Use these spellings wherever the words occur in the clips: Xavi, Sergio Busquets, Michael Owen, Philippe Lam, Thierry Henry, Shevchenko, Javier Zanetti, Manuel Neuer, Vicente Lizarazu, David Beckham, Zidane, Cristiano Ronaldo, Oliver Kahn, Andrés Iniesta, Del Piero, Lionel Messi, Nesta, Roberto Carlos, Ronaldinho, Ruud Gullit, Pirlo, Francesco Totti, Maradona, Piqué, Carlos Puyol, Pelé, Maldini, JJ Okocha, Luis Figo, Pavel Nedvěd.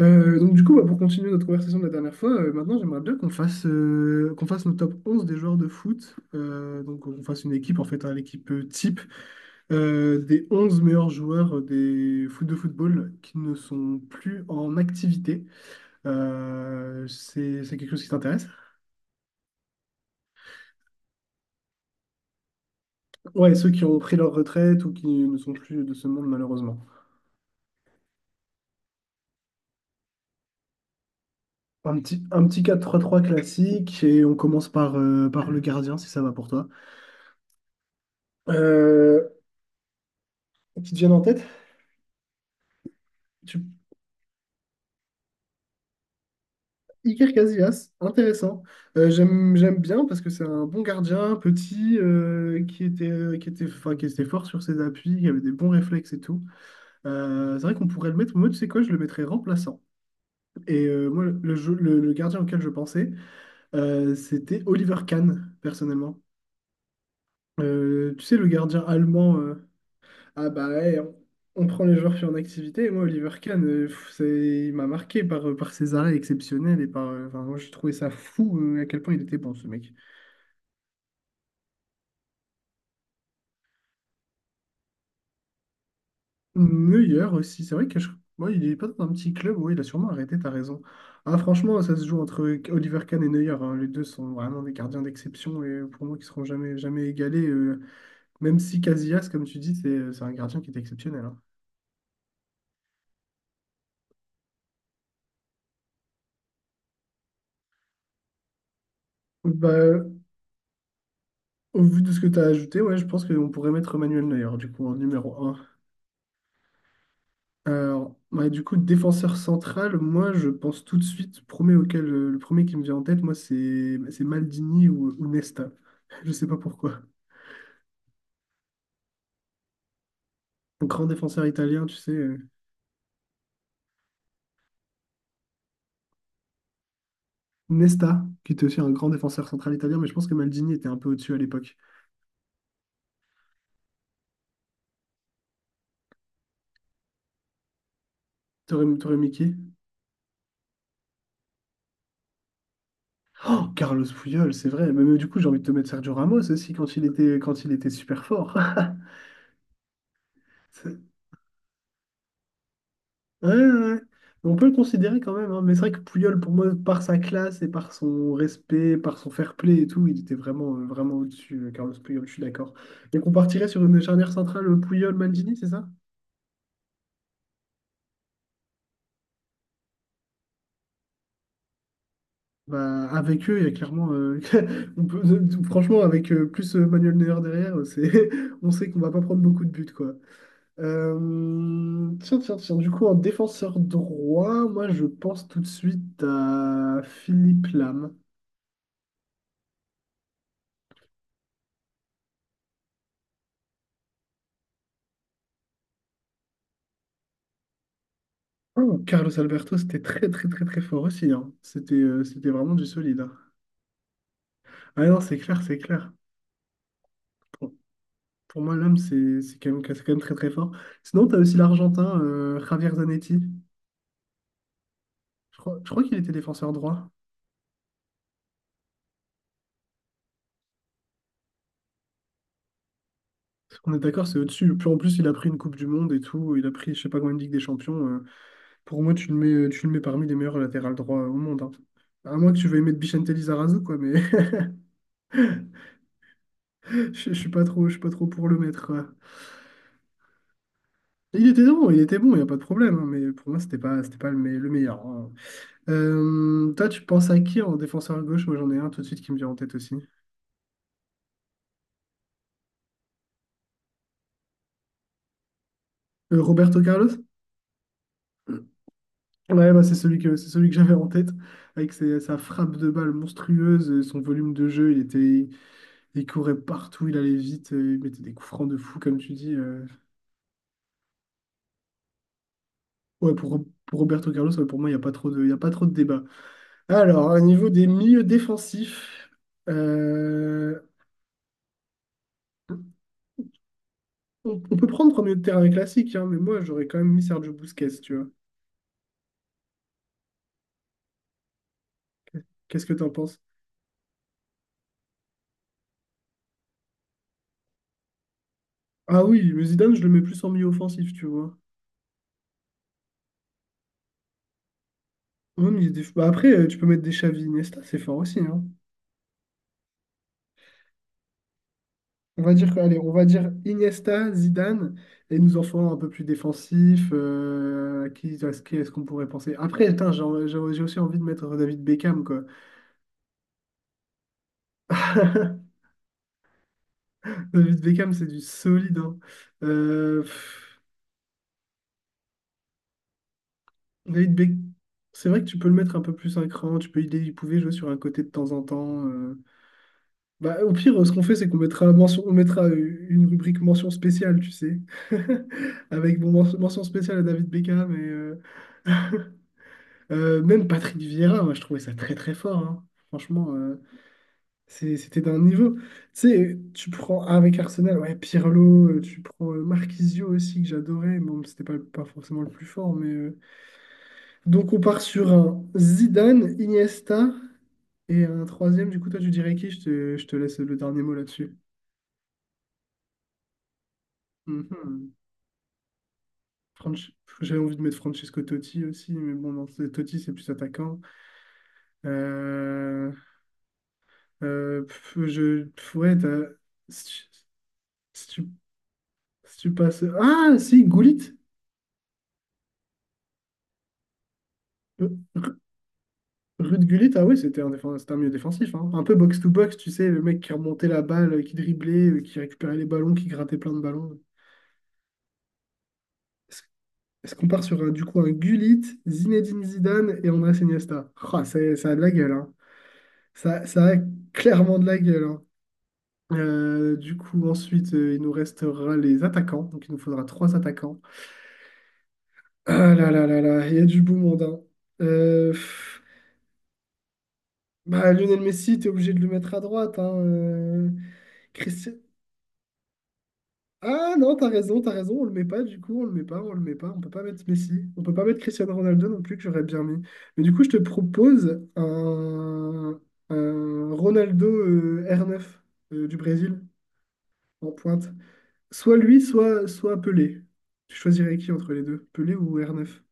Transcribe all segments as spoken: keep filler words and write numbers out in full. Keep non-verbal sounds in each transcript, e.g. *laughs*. Euh, donc du coup, bah, pour continuer notre conversation de la dernière fois, euh, maintenant j'aimerais bien qu'on fasse, euh, qu'on fasse nos top onze des joueurs de foot. Euh, donc on fasse une équipe, en fait, hein, l'équipe euh, type euh, des onze meilleurs joueurs euh, des foot de football qui ne sont plus en activité. Euh, c'est, c'est quelque chose qui t'intéresse? Ouais, ceux qui ont pris leur retraite ou qui ne sont plus de ce monde malheureusement. Un petit, un petit quatre trois trois classique et on commence par, euh, par le gardien si ça va pour toi. Euh, qui te viennent en tête? Iker Casillas, intéressant. Euh, j'aime, j'aime bien parce que c'est un bon gardien, petit, euh, qui était, qui était, enfin, qui était fort sur ses appuis, qui avait des bons réflexes et tout. Euh, c'est vrai qu'on pourrait le mettre, moi, tu sais quoi, je le mettrais remplaçant. Et euh, moi, le, jeu- le, le gardien auquel je pensais, euh, c'était Oliver Kahn, personnellement. Euh, tu sais, le gardien allemand euh, Ah bah ouais, on, on prend les joueurs qui sont en activité. Moi, Oliver Kahn, euh, pff, c'est- il m'a marqué par, euh, par ses arrêts exceptionnels et par... euh, Enfin, moi, j'ai trouvé ça fou euh, à quel point il était bon, ce mec. Neuer aussi, c'est vrai que je- moi, il est pas dans un petit club. Oui, il a sûrement arrêté, t'as raison. Ah, franchement, ça se joue entre Oliver Kahn et Neuer. hein. Les deux sont vraiment des gardiens d'exception et euh, pour moi, qui seront jamais, jamais égalés. euh, Même si Casillas, comme tu dis, c'est euh, c'est un gardien qui est exceptionnel. hein. Bah, au vu de ce que tu as ajouté, ouais, je pense qu'on pourrait mettre Manuel Neuer, du coup, en numéro un. Alors, ouais, du coup, défenseur central, moi, je pense tout de suite, premier auquel, euh, le premier qui me vient en tête, moi, c'est c'est Maldini ou, ou Nesta. *laughs* Je sais pas pourquoi. Un grand défenseur italien, tu sais. euh, Nesta, qui était aussi un grand défenseur central italien, mais je pense que Maldini était un peu au-dessus à l'époque. T'aurais t'aurais mis qui? Oh, Carlos Puyol, c'est vrai. Mais, mais du coup, j'ai envie de te mettre Sergio Ramos aussi quand il était, quand il était super fort. *laughs* Ouais, ouais, ouais. On peut le considérer quand même, hein. Mais c'est vrai que Pouyol, pour moi, par sa classe et par son respect, par son fair play et tout, il était vraiment, euh, vraiment au-dessus, euh, Carlos Puyol, je suis d'accord. Donc on partirait sur une charnière centrale euh, Puyol-Maldini, c'est ça? Bah, avec eux, il y a clairement. euh, *laughs* on peut- Franchement, avec euh, plus euh, Manuel Neuer derrière, euh, c'est, *laughs* on sait qu'on va pas prendre beaucoup de buts, quoi. Euh, tiens, tiens, tiens. Du coup, en défenseur droit, moi, je pense tout de suite à Philippe Lam. Oh, Carlos Alberto, c'était très très très très fort aussi, hein. C'était euh, c'était vraiment du solide, hein. Ah non, c'est clair, c'est clair. Pour, pour moi, l'homme, c'est c'est quand même, c'est quand même très très fort. Sinon, tu as aussi l'Argentin, euh, Javier Zanetti. Je crois, je crois qu'il était défenseur droit. On est d'accord, c'est au-dessus. Puis en plus, il a pris une Coupe du Monde et tout. Il a pris, je sais pas combien de Ligue des Champions. euh. Pour moi, tu le mets, tu le mets parmi les meilleurs latérales droits au monde, hein. À moins que tu veuilles mettre Vicente Lizarazu, quoi, mais *laughs* je, je suis pas trop, je suis pas trop pour le mettre. Il était bon, il était bon, il n'y a pas de problème, hein, mais pour moi, c'était pas, c'était pas le, me- le meilleur, hein. Euh, toi, tu penses à qui en défenseur gauche? Moi, j'en ai un tout de suite qui me vient en tête aussi. Euh, Roberto Carlos? *clears throat* Ouais, bah, c'est celui que, c'est celui que j'avais en tête, avec ses- sa frappe de balle monstrueuse, euh, son volume de jeu, il était, il courait partout, il allait vite, euh, il mettait des coups francs de fou, comme tu dis. euh. Ouais, pour, pour Roberto Carlos, ouais, pour moi, il n'y a pas trop de, il y a pas trop de débat. Alors, au niveau des milieux défensifs, euh, On, on peut prendre un milieu de terrain classique, hein, mais moi j'aurais quand même mis Sergio Busquets, tu vois. Qu'est-ce que t'en penses? Ah oui, mais Zidane, je le mets plus en milieu offensif, tu vois. Ouais, mais il y a des- bah après, euh, tu peux mettre des Xavi, Iniesta, c'est fort aussi, hein. On va dire, que- Allez, on va dire Iniesta, Zidane, et nous en ferons un peu plus défensif. Euh, qui, à ce Qui est-ce qu'on pourrait penser? Après, attends, j'ai en- j'ai j'ai aussi envie de mettre David Beckham, quoi. *laughs* David Beckham, c'est du solide, hein. Euh, pff, David Beck, c'est vrai que tu peux le mettre un peu plus un cran, tu peux il il pouvait jouer sur un côté de temps en temps. euh. Bah, au pire, ce qu'on fait, c'est qu'on mettra, mention- on mettra euh, une rubrique mention spéciale, tu sais. *laughs* Avec bon, men- mention spéciale à David Beckham et euh, euh, même Patrick Vieira, moi je trouvais ça très très fort, hein. Franchement, euh, c'est- c'était d'un niveau. Tu sais, tu prends ah, avec Arsenal, ouais, Pirlo, euh, tu prends euh, Marquisio aussi que j'adorais. Bon, c'était pas, pas forcément le plus fort, mais. euh, Donc on part sur un Zidane, Iniesta. Et un troisième, du coup, toi, tu dirais qui? Je te, je te laisse le dernier mot là-dessus. Mhm. Franch- J'avais envie de mettre Francesco Totti aussi, mais bon, non, c'est- Totti, c'est plus attaquant. Euh, euh, pff, je, pff, ouais, t'as- si tu, si tu- si tu passes... Ah, si, Gullit. Euh, Ruud Gullit, ah ouais, c'était un, défense, c'était un milieu défensif, hein. Un peu box-to-box, tu sais, le mec qui remontait la balle, euh, qui driblait, euh, qui récupérait les ballons, qui grattait plein de ballons. Est-ce qu'on part sur un, du coup un Gullit, Zinedine Zidane et Andrés Iniesta? Ah, c'est- ça a de la gueule, hein. Ça, ça a clairement de la gueule, hein. Euh, du coup, ensuite, euh, il nous restera les attaquants. Donc, il nous faudra trois attaquants. Ah là là là là, il y a du beau monde, hein. Euh, pff, Bah, Lionel Messi, t'es obligé de le mettre à droite, hein. Euh, Christi- Ah non, t'as raison, t'as raison, on le met pas du coup, on le met pas, on le met pas, on peut pas mettre Messi, on peut pas mettre Cristiano Ronaldo non plus que j'aurais bien mis. Mais du coup, je te propose un, un Ronaldo euh, R neuf euh, du Brésil en pointe. Soit lui, soit, soit Pelé. Tu choisirais qui entre les deux, Pelé ou R neuf?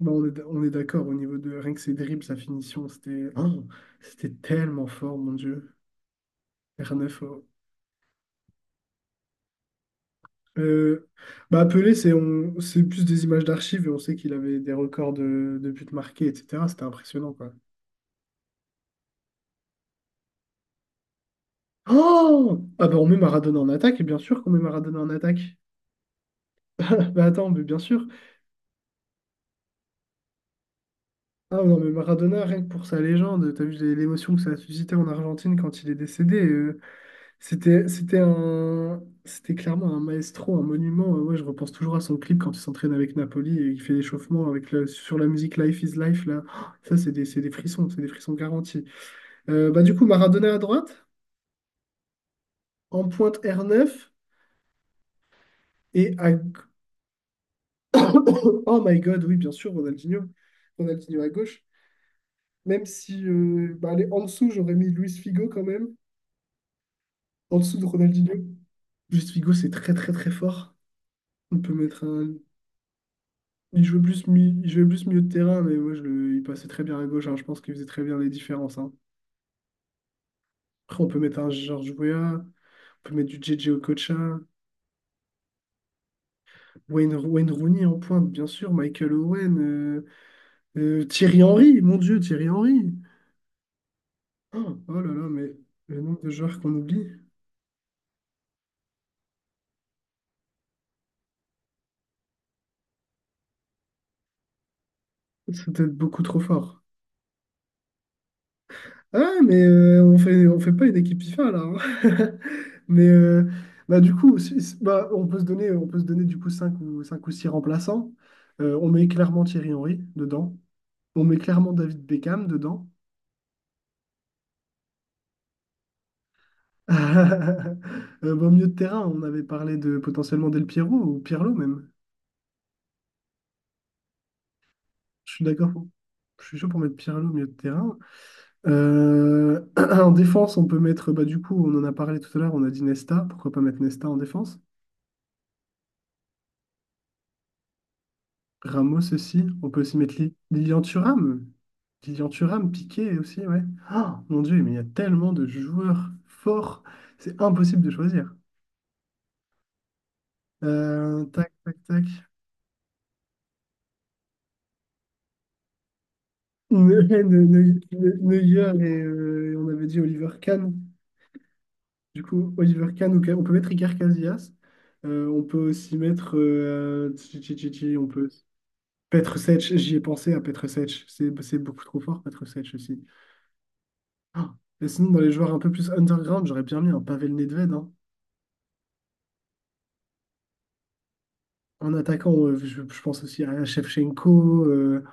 Bah, on est, d- on est d'accord au niveau de rien que ses dribbles, sa finition, c'était oh, c'était tellement fort, mon Dieu. R neuf. Euh, bah Pelé, c'est on, c'est plus des images d'archives et on sait qu'il avait des records de, de buts marqués, et cetera. C'était impressionnant, quoi. Oh! Ah bah on met Maradona en attaque, et bien sûr qu'on met Maradona en attaque. *laughs* Bah attends, mais bien sûr. Ah non, mais Maradona, rien que pour sa légende, t'as vu les- l'émotion que ça a suscité en Argentine quand il est décédé. euh, c'était, c'était un, c'était clairement un maestro, un monument. Euh, Ouais, je repense toujours à son clip quand il s'entraîne avec Napoli et il fait l'échauffement avec la- sur la musique Life is Life, là. Oh, ça, c'est des, c'est des frissons, c'est des frissons garantis. Euh, bah, du coup, Maradona à droite, en pointe R neuf, et à... gau- Oh my God, oui, bien sûr, Ronaldinho. Ronaldinho à gauche. Même si, euh, bah, allez, en dessous, j'aurais mis Luis Figo quand même, en dessous de Ronaldinho. Luis Figo, c'est très, très, très fort. On peut mettre un... Il jouait plus, mi- il jouait plus milieu de terrain, mais moi, je le... il passait très bien à gauche, hein. Je pense qu'il faisait très bien les différences, hein. Après, on peut mettre un George Weah, on peut mettre du J J Okocha, Wayne, Wayne Rooney en pointe, bien sûr, Michael Owen. euh, Euh, Thierry Henry, mon Dieu, Thierry Henry. Oh, oh là là, mais le nombre de joueurs qu'on oublie, c'est peut-être beaucoup trop fort. Ah, mais euh, on fait, on fait pas une équipe FIFA là, hein. *laughs* Mais euh, bah, du coup, si- si- bah, on peut se donner, on peut se donner du coup cinq ou, cinq ou six remplaçants. Euh, on met clairement Thierry Henry dedans. On met clairement David Beckham dedans. *laughs* Euh, bah, au milieu de terrain, on avait parlé de potentiellement Del Piero ou Pirlo même. Je suis d'accord. pour- Je suis chaud pour mettre Pirlo au milieu de terrain. Euh, *clears throat* en défense, on peut mettre, bah, du coup, on en a parlé tout à l'heure, on a dit Nesta, pourquoi pas mettre Nesta en défense? Ramos aussi, on peut aussi mettre Li- Lilian Thuram. Lilian Thuram, Piqué aussi, ouais. Ah, mon Dieu, mais il y a tellement de joueurs forts, c'est impossible de choisir. Euh, tac, tac, tac. *laughs* Ne- ne- ne- ne- Neuer et euh, on avait dit Oliver Kahn. Du coup, Oliver Kahn, ou on peut mettre Iker Casillas. Euh, on peut aussi mettre. Euh, tchi, tchi, tchi, tchi, on peut. Petr Sech, j'y ai pensé à Petr Sech. C'est c'est beaucoup trop fort, Petr Sech aussi. Ah, et sinon, dans les joueurs un peu plus underground, j'aurais bien mis un Pavel Nedved, hein. En attaquant, euh, je, je pense aussi à Shevchenko. euh,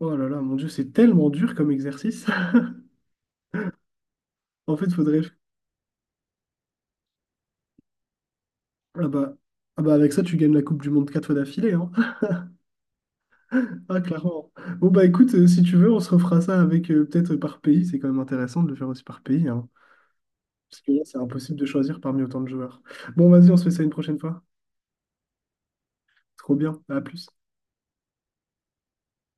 Oh là là, mon Dieu, c'est tellement dur comme exercice. *laughs* En fait, faudrait. Ah bah, ah bah avec ça, tu gagnes la Coupe du Monde quatre fois d'affilée, hein. *laughs* Ah, clairement. Bon, bah écoute, euh, si tu veux, on se refera ça avec euh, peut-être par pays. C'est quand même intéressant de le faire aussi par pays, hein. Parce que là, c'est impossible de choisir parmi autant de joueurs. Bon, vas-y, on se fait ça une prochaine fois. Trop bien. À plus.